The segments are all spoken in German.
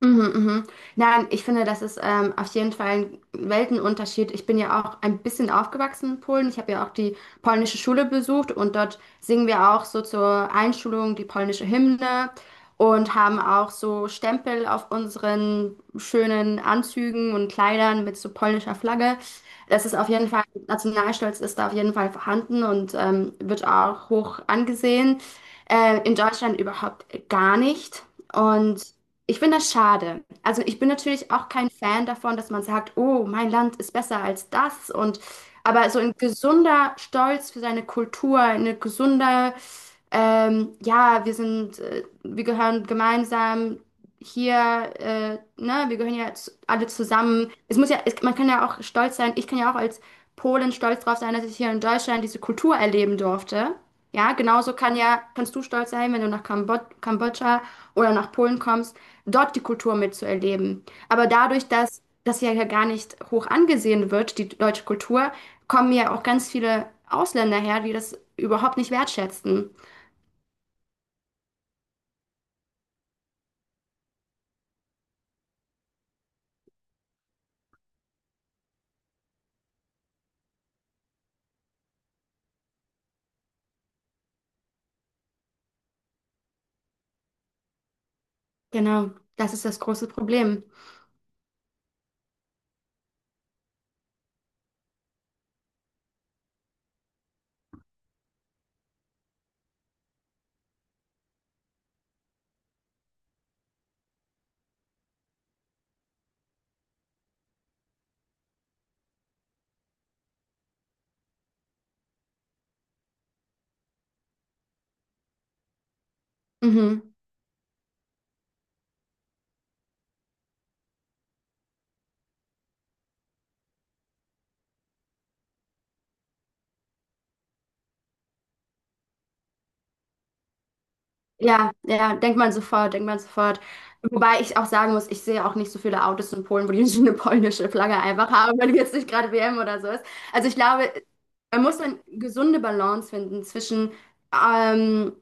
Mhm, mhm. Nein, ich finde, das ist auf jeden Fall ein Weltenunterschied. Ich bin ja auch ein bisschen aufgewachsen in Polen. Ich habe ja auch die polnische Schule besucht und dort singen wir auch so zur Einschulung die polnische Hymne und haben auch so Stempel auf unseren schönen Anzügen und Kleidern mit so polnischer Flagge. Das ist auf jeden Fall, Nationalstolz ist da auf jeden Fall vorhanden und wird auch hoch angesehen. In Deutschland überhaupt gar nicht. Und ich finde das schade. Also ich bin natürlich auch kein Fan davon, dass man sagt, oh, mein Land ist besser als das, und aber so ein gesunder Stolz für seine Kultur, eine gesunde ja, wir sind, wir gehören gemeinsam hier, ne, wir gehören ja zu, alle zusammen. Es muss ja, es, man kann ja auch stolz sein, ich kann ja auch als Polin stolz drauf sein, dass ich hier in Deutschland diese Kultur erleben durfte. Ja, genauso kann ja, kannst du stolz sein, wenn du nach Kambod Kambodscha oder nach Polen kommst, dort die Kultur mitzuerleben. Aber dadurch, dass das ja hier gar nicht hoch angesehen wird, die deutsche Kultur, kommen ja auch ganz viele Ausländer her, die das überhaupt nicht wertschätzen. Genau, das ist das große Problem. Mhm. Ja, ja, denkt man sofort, denkt man sofort. Wobei ich auch sagen muss, ich sehe auch nicht so viele Autos in Polen, wo die so eine polnische Flagge einfach haben, wenn jetzt nicht gerade WM oder so ist. Also ich glaube, man muss eine gesunde Balance finden zwischen ähm,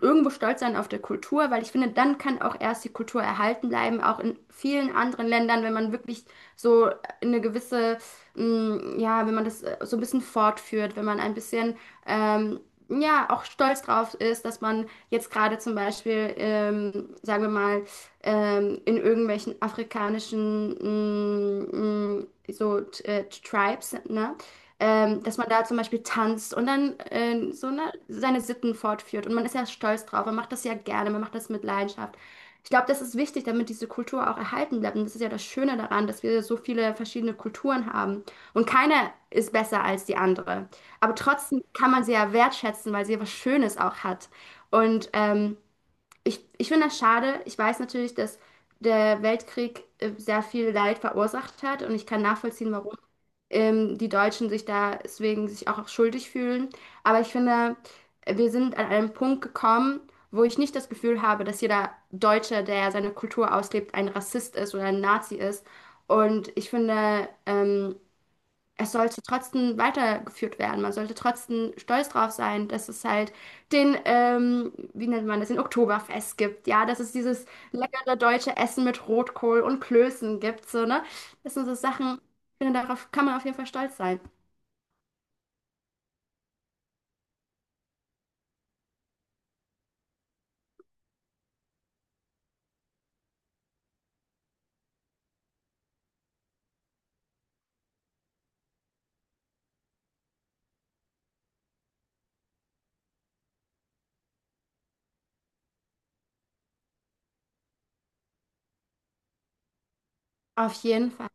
irgendwo stolz sein auf der Kultur, weil ich finde, dann kann auch erst die Kultur erhalten bleiben, auch in vielen anderen Ländern, wenn man wirklich so eine gewisse, mh, ja, wenn man das so ein bisschen fortführt, wenn man ein bisschen ähm, ja, auch stolz drauf ist, dass man jetzt gerade zum Beispiel, sagen wir mal, in irgendwelchen afrikanischen so Tribes, ne? Dass man da zum Beispiel tanzt und dann so ne, seine Sitten fortführt. Und man ist ja stolz drauf, man macht das ja gerne, man macht das mit Leidenschaft. Ich glaube, das ist wichtig, damit diese Kultur auch erhalten bleibt. Und das ist ja das Schöne daran, dass wir so viele verschiedene Kulturen haben. Und keine ist besser als die andere. Aber trotzdem kann man sie ja wertschätzen, weil sie ja was Schönes auch hat. Und ich finde das schade. Ich weiß natürlich, dass der Weltkrieg sehr viel Leid verursacht hat und ich kann nachvollziehen, warum die Deutschen sich da deswegen sich auch schuldig fühlen. Aber ich finde, wir sind an einem Punkt gekommen, wo ich nicht das Gefühl habe, dass jeder Deutsche, der seine Kultur auslebt, ein Rassist ist oder ein Nazi ist. Und ich finde, es sollte trotzdem weitergeführt werden. Man sollte trotzdem stolz drauf sein, dass es halt den, wie nennt man das, den Oktoberfest gibt. Ja, dass es dieses leckere deutsche Essen mit Rotkohl und Klößen gibt. So, ne? Das sind so Sachen, ich finde, darauf kann man auf jeden Fall stolz sein. Auf jeden Fall.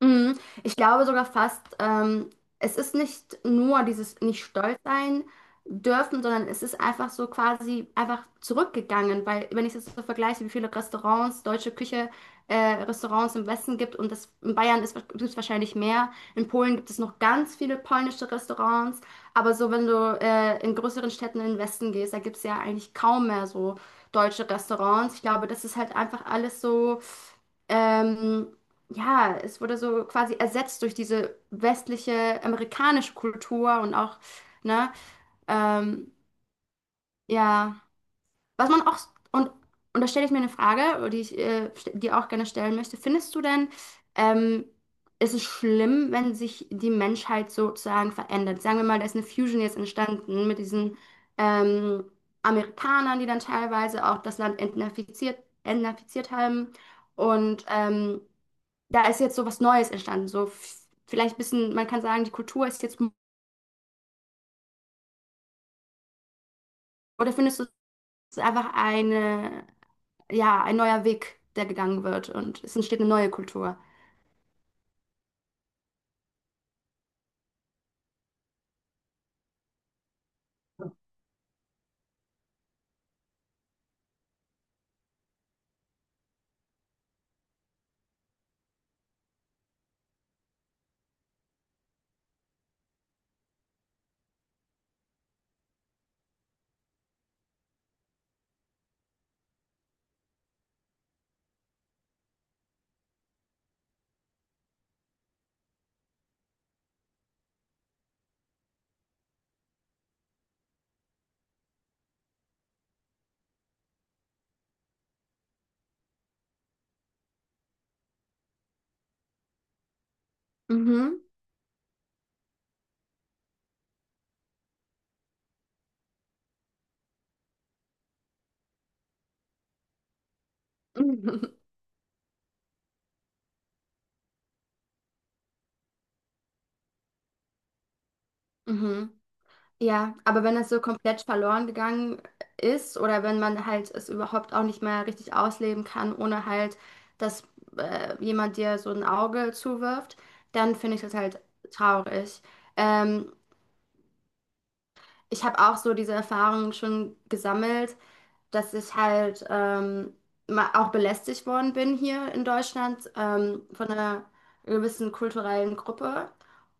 Mhm. Ich glaube sogar fast, es ist nicht nur dieses nicht stolz sein dürfen, sondern es ist einfach so quasi einfach zurückgegangen, weil wenn ich es jetzt so vergleiche, wie viele Restaurants, deutsche Küche, äh, Restaurants im Westen gibt und das in Bayern ist, gibt es wahrscheinlich mehr. In Polen gibt es noch ganz viele polnische Restaurants, aber so wenn du in größeren Städten in den Westen gehst, da gibt es ja eigentlich kaum mehr so deutsche Restaurants. Ich glaube, das ist halt einfach alles so ähm, ja, es wurde so quasi ersetzt durch diese westliche amerikanische Kultur und auch, ne, ähm, ja, was man auch, und, und da stelle ich mir eine Frage, die ich dir auch gerne stellen möchte. Findest du denn, ähm, ist es schlimm, wenn sich die Menschheit sozusagen verändert? Sagen wir mal, da ist eine Fusion jetzt entstanden mit diesen ähm, Amerikanern, die dann teilweise auch das Land entnazifiziert haben und da ist jetzt so was Neues entstanden. So vielleicht ein bisschen, man kann sagen, die Kultur ist jetzt, oder findest du, es ist einfach eine, ja, ein neuer Weg, der gegangen wird und es entsteht eine neue Kultur. Mhm. Mhm. Ja, aber wenn es so komplett verloren gegangen ist oder wenn man halt es überhaupt auch nicht mehr richtig ausleben kann, ohne halt, dass jemand dir so ein Auge zuwirft, dann finde ich das halt traurig. Ähm, Ich habe auch so diese Erfahrungen schon gesammelt, dass ich halt auch belästigt worden bin hier in Deutschland von einer gewissen kulturellen Gruppe.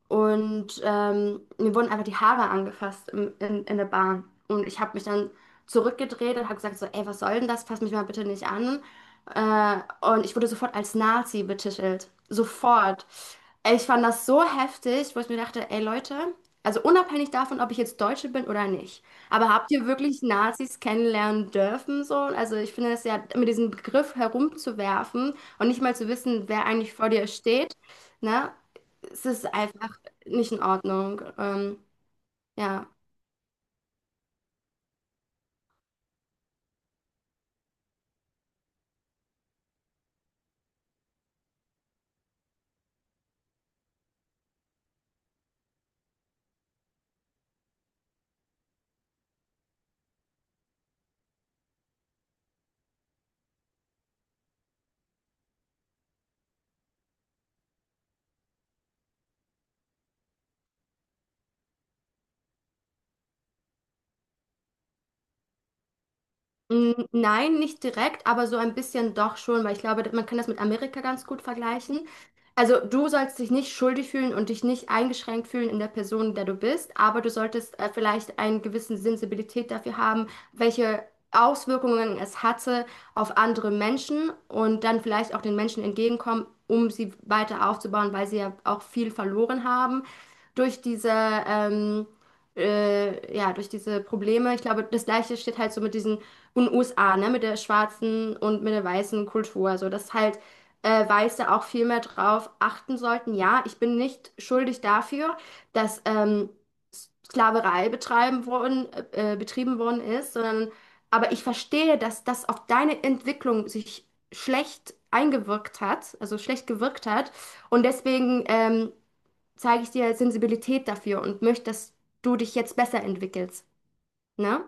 Und mir wurden einfach die Haare angefasst in der Bahn. Und ich habe mich dann zurückgedreht und habe gesagt so, ey, was soll denn das? Fass mich mal bitte nicht an. Äh, und ich wurde sofort als Nazi betitelt. Sofort. Ich fand das so heftig, wo ich mir dachte, ey Leute. Also unabhängig davon, ob ich jetzt Deutsche bin oder nicht. Aber habt ihr wirklich Nazis kennenlernen dürfen so? Also ich finde das ja, mit diesem Begriff herumzuwerfen und nicht mal zu wissen, wer eigentlich vor dir steht, ne? Es ist einfach nicht in Ordnung. Ja. Mm, nein, nicht direkt, aber so ein bisschen doch schon, weil ich glaube, man kann das mit Amerika ganz gut vergleichen. Also du sollst dich nicht schuldig fühlen und dich nicht eingeschränkt fühlen in der Person, der du bist, aber du solltest vielleicht einen gewissen Sensibilität dafür haben, welche Auswirkungen es hatte auf andere Menschen und dann vielleicht auch den Menschen entgegenkommen, um sie weiter aufzubauen, weil sie ja auch viel verloren haben durch diese ja, durch diese Probleme. Ich glaube, das Gleiche steht halt so mit diesen und USA, ne, mit der schwarzen und mit der weißen Kultur, so dass halt Weiße auch viel mehr drauf achten sollten. Ja, ich bin nicht schuldig dafür, dass Sklaverei betrieben worden ist, sondern aber ich verstehe, dass das auf deine Entwicklung sich schlecht eingewirkt hat, also schlecht gewirkt hat und deswegen zeige ich dir Sensibilität dafür und möchte, dass du dich jetzt besser entwickelst, ne?